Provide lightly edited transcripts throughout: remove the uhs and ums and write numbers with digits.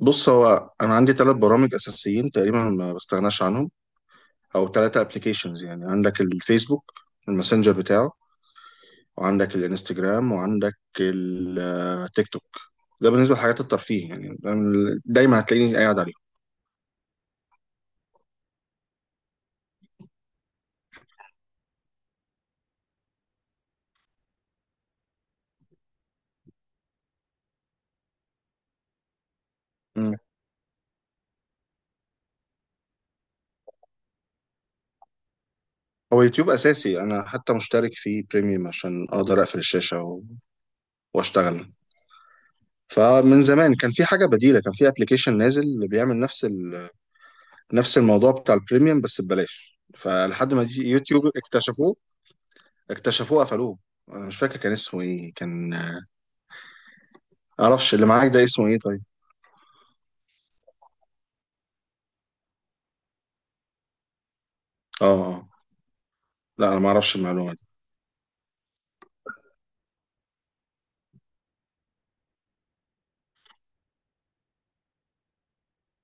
بص، هو انا عندي ثلاث برامج اساسيين تقريبا ما بستغناش عنهم، او ثلاثه ابلكيشنز. يعني عندك الفيسبوك، الماسنجر بتاعه، وعندك الانستجرام، وعندك التيك توك. ده بالنسبه لحاجات الترفيه، يعني دايما هتلاقيني قاعد عليهم. مم. هو يوتيوب اساسي، انا حتى مشترك فيه بريميوم عشان اقدر اقفل الشاشه واشتغل. فمن زمان كان في حاجه بديله، كان في ابلكيشن نازل اللي بيعمل نفس نفس الموضوع بتاع البريميوم بس ببلاش، فلحد ما يوتيوب اكتشفوه قفلوه. انا مش فاكر كان اسمه ايه، كان معرفش. اللي معاك ده اسمه ايه طيب؟ اه. اه. لا، انا ما اعرفش المعلومه دي.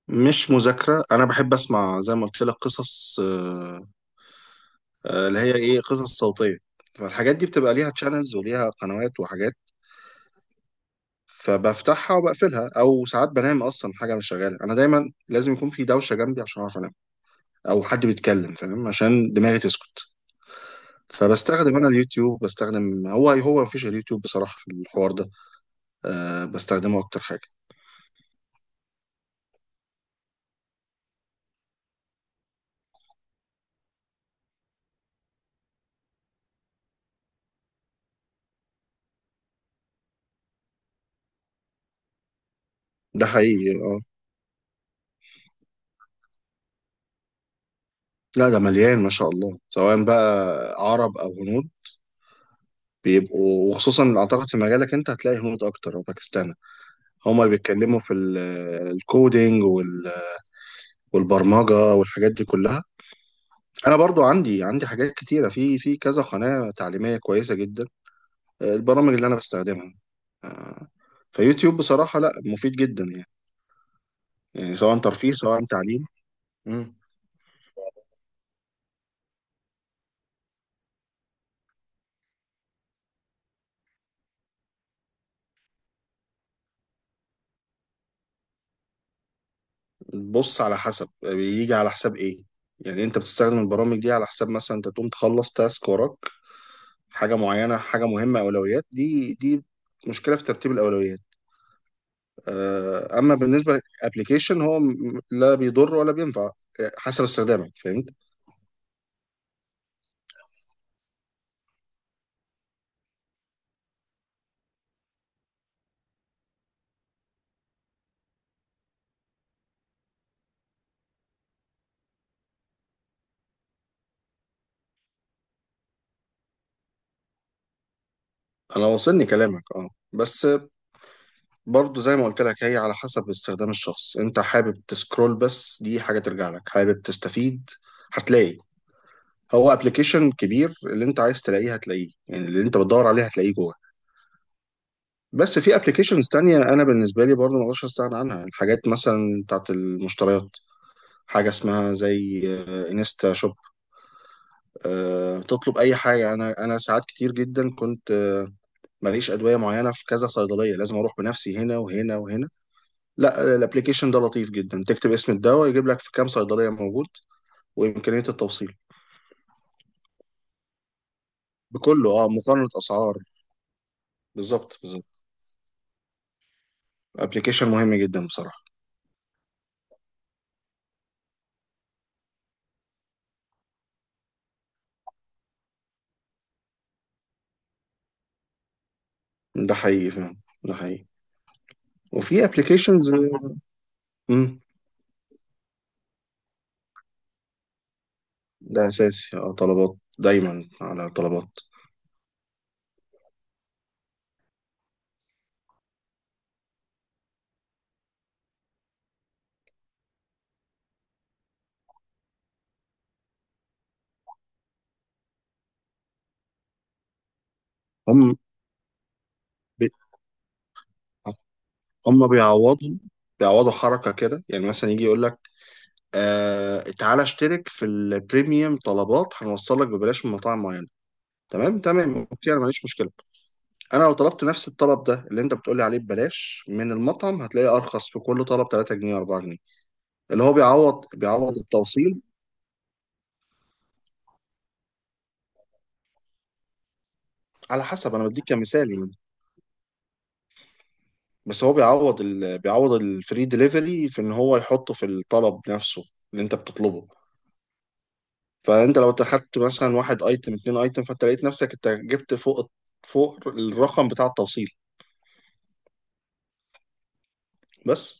مش مذاكره، انا بحب اسمع زي ما قلت لك قصص، اللي هي ايه، قصص صوتيه. فالحاجات دي بتبقى ليها تشانلز وليها قنوات وحاجات، فبفتحها وبقفلها، او ساعات بنام اصلا. حاجه مش شغاله، انا دايما لازم يكون في دوشه جنبي عشان اعرف انام، او حد بيتكلم فاهم عشان دماغي تسكت. فبستخدم انا اليوتيوب، بستخدم هو مفيش اليوتيوب بصراحه في الحوار ده، أه بستخدمه اكتر حاجه. ده حقيقي، اه. لا، ده مليان ما شاء الله، سواء بقى عرب او هنود، بيبقوا. وخصوصا اعتقد في مجالك انت هتلاقي هنود اكتر او باكستان، هم اللي بيتكلموا في الكودينج والبرمجه والحاجات دي كلها. انا برضو عندي حاجات كتيره في كذا قناه تعليميه كويسه جدا، البرامج اللي انا بستخدمها، آه، فيوتيوب بصراحه، لا مفيد جدا يعني، يعني سواء ترفيه سواء تعليم. بص، على حسب، بيجي على حساب ايه. يعني انت بتستخدم البرامج دي على حساب مثلا انت تقوم تخلص تاسك وراك، حاجه معينه حاجه مهمه، اولويات، دي مشكله في ترتيب الاولويات. اما بالنسبه للابلكيشن، هو لا بيضر ولا بينفع، حسب استخدامك، فهمت. انا واصلني كلامك، اه، بس برضه زي ما قلت لك، هي على حسب استخدام الشخص. انت حابب تسكرول بس، دي حاجه ترجع لك. حابب تستفيد، هتلاقي. هو ابلكيشن كبير، اللي انت عايز تلاقيه هتلاقيه، يعني اللي انت بتدور عليه هتلاقيه جوه. بس في ابلكيشنز تانية انا بالنسبه لي برضو ما اقدرش استغنى عنها، الحاجات مثلا بتاعت المشتريات، حاجه اسمها زي انستا شوب، تطلب اي حاجه. انا ساعات كتير جدا كنت، ماليش ادويه معينه في كذا صيدليه، لازم اروح بنفسي هنا وهنا وهنا. لا، الابلكيشن ده لطيف جدا، تكتب اسم الدواء يجيب لك في كام صيدليه موجود، وامكانيه التوصيل. بكله، اه، مقارنه اسعار. بالظبط بالظبط، ابلكيشن مهم جدا بصراحه. ده حقيقي فعلا، ده حقيقي. وفي ابلكيشنز. امم. ده اساسي، اه، طلبات، دايما على طلبات. هم بي... هم بيعوضوا حركه كده، يعني مثلا يجي يقول لك آه، تعالى اشترك في البريميوم طلبات، هنوصل لك ببلاش من مطاعم معينه. تمام تمام، اوكي، انا ماليش مشكله. انا لو طلبت نفس الطلب ده اللي انت بتقولي عليه ببلاش من المطعم، هتلاقيه ارخص في كل طلب 3 جنيه 4 جنيه، اللي هو بيعوض، بيعوض التوصيل. على حسب، انا بديك كمثال يعني. بس هو بيعوض بيعوض الفري دليفري في ان هو يحطه في الطلب نفسه اللي انت بتطلبه. فانت لو اخدت مثلا واحد ايتم اتنين ايتم، فانت لقيت نفسك انت جبت فوق الرقم بتاع التوصيل بس.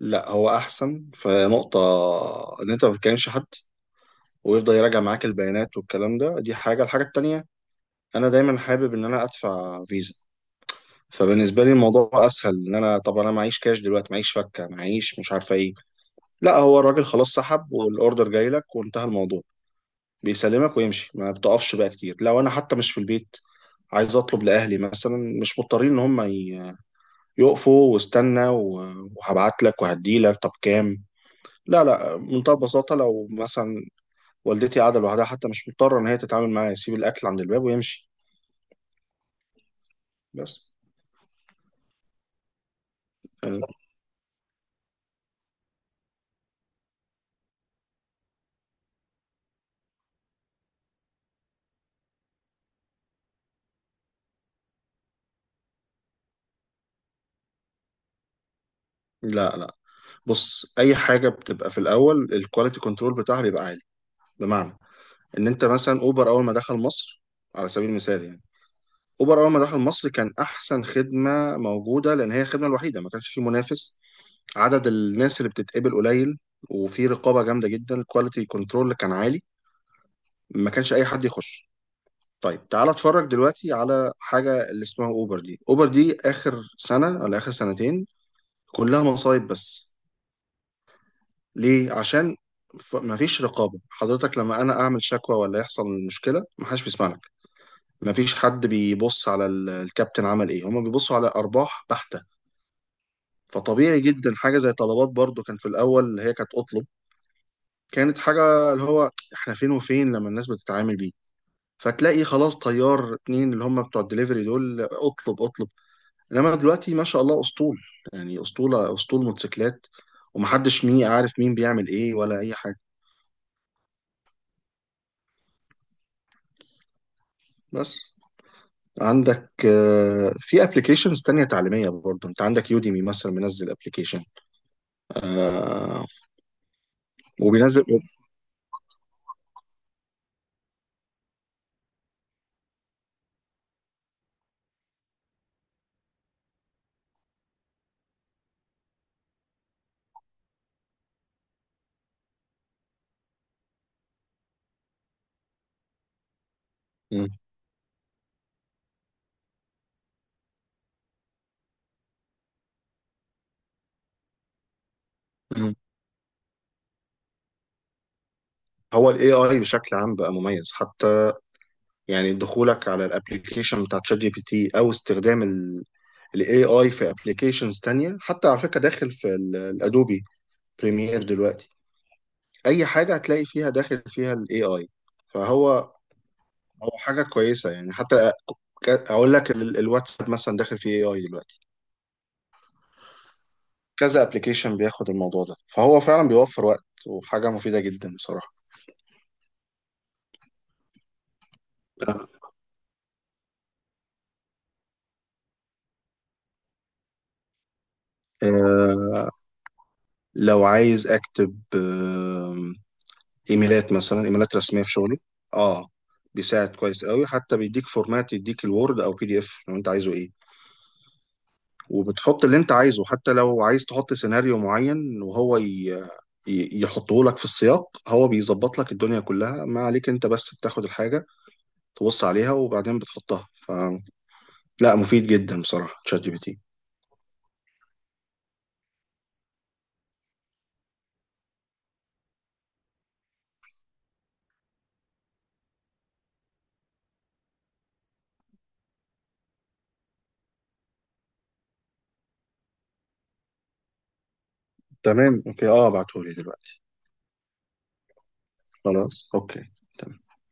لا، هو احسن في نقطة، ان انت ما بتكلمش حد ويفضل يراجع معاك البيانات والكلام ده. دي حاجة. الحاجة التانية، انا دايما حابب ان انا ادفع فيزا. فبالنسبة لي الموضوع اسهل، ان انا طب انا معيش كاش دلوقتي، معيش فكة، معيش مش عارفة ايه. لا، هو الراجل خلاص سحب، والاوردر جاي لك وانتهى الموضوع، بيسلمك ويمشي. ما بتقفش بقى كتير، لو انا حتى مش في البيت، عايز اطلب لاهلي مثلا، مش مضطرين ان هم يقفوا واستنى وهبعت لك وهدي لك طب كام. لا لا، بمنتهى البساطه. لو مثلا والدتي قاعده لوحدها، حتى مش مضطره ان هي تتعامل معايا، يسيب الاكل عند الباب ويمشي بس. يعني لا لا، بص، اي حاجه بتبقى في الاول الكواليتي كنترول بتاعها بيبقى عالي. بمعنى ان انت مثلا اوبر، اول ما دخل مصر على سبيل المثال يعني، اوبر اول ما دخل مصر كان احسن خدمه موجوده، لان هي الخدمه الوحيده، ما كانش في منافس. عدد الناس اللي بتتقبل قليل، وفي رقابه جامده جدا، الكواليتي كنترول كان عالي، ما كانش اي حد يخش. طيب تعال اتفرج دلوقتي على حاجه اللي اسمها اوبر دي اخر سنه ولا اخر سنتين، كلها مصايب بس. ليه؟ عشان مفيش رقابه. حضرتك لما انا اعمل شكوى ولا يحصل مشكله، محدش بيسمع لك. مفيش حد بيبص على الكابتن عمل ايه، هما بيبصوا على ارباح بحته. فطبيعي جدا حاجه زي طلبات، برضو كان في الاول، اللي هي كانت اطلب، كانت حاجه اللي هو احنا فين وفين لما الناس بتتعامل بيه. فتلاقي خلاص طيار اتنين اللي هم بتوع الدليفري دول، اطلب اطلب. انما دلوقتي ما شاء الله اسطول، يعني اسطوله، اسطول موتوسيكلات، ومحدش مين عارف مين بيعمل ايه ولا اي حاجه بس. عندك في ابلكيشنز تانية تعليمية برضو، انت عندك يوديمي مثلا، منزل ابلكيشن، آه، وبينزل. مم. مم. هو الاي اي بشكل عام بقى مميز حتى، يعني دخولك على الابلكيشن بتاع تشات جي بي تي، او استخدام الاي اي في ابلكيشنز تانية حتى على فكرة، داخل في الادوبي بريمير دلوقتي. اي حاجة هتلاقي فيها داخل فيها الاي اي، فهو هو حاجة كويسة يعني. حتى اقول لك الواتساب مثلا داخل فيه اي اي دلوقتي. كذا ابلكيشن بياخد الموضوع ده، فهو فعلا بيوفر وقت، وحاجة مفيدة جدا بصراحة. آه، لو عايز اكتب ايميلات مثلا، ايميلات رسميه في شغلي. اه، بيساعد كويس قوي، حتى بيديك فورمات، يديك الوورد او بي دي اف لو انت عايزه ايه. وبتحط اللي انت عايزه، حتى لو عايز تحط سيناريو معين وهو يحطه لك في السياق، هو بيظبط لك الدنيا كلها، ما عليك انت بس بتاخد الحاجه تبص عليها وبعدين بتحطها. فلا، مفيد جدا بصراحه تشات جي بي تي. تمام اوكي، اه، ابعتهولي دلوقتي. خلاص اوكي.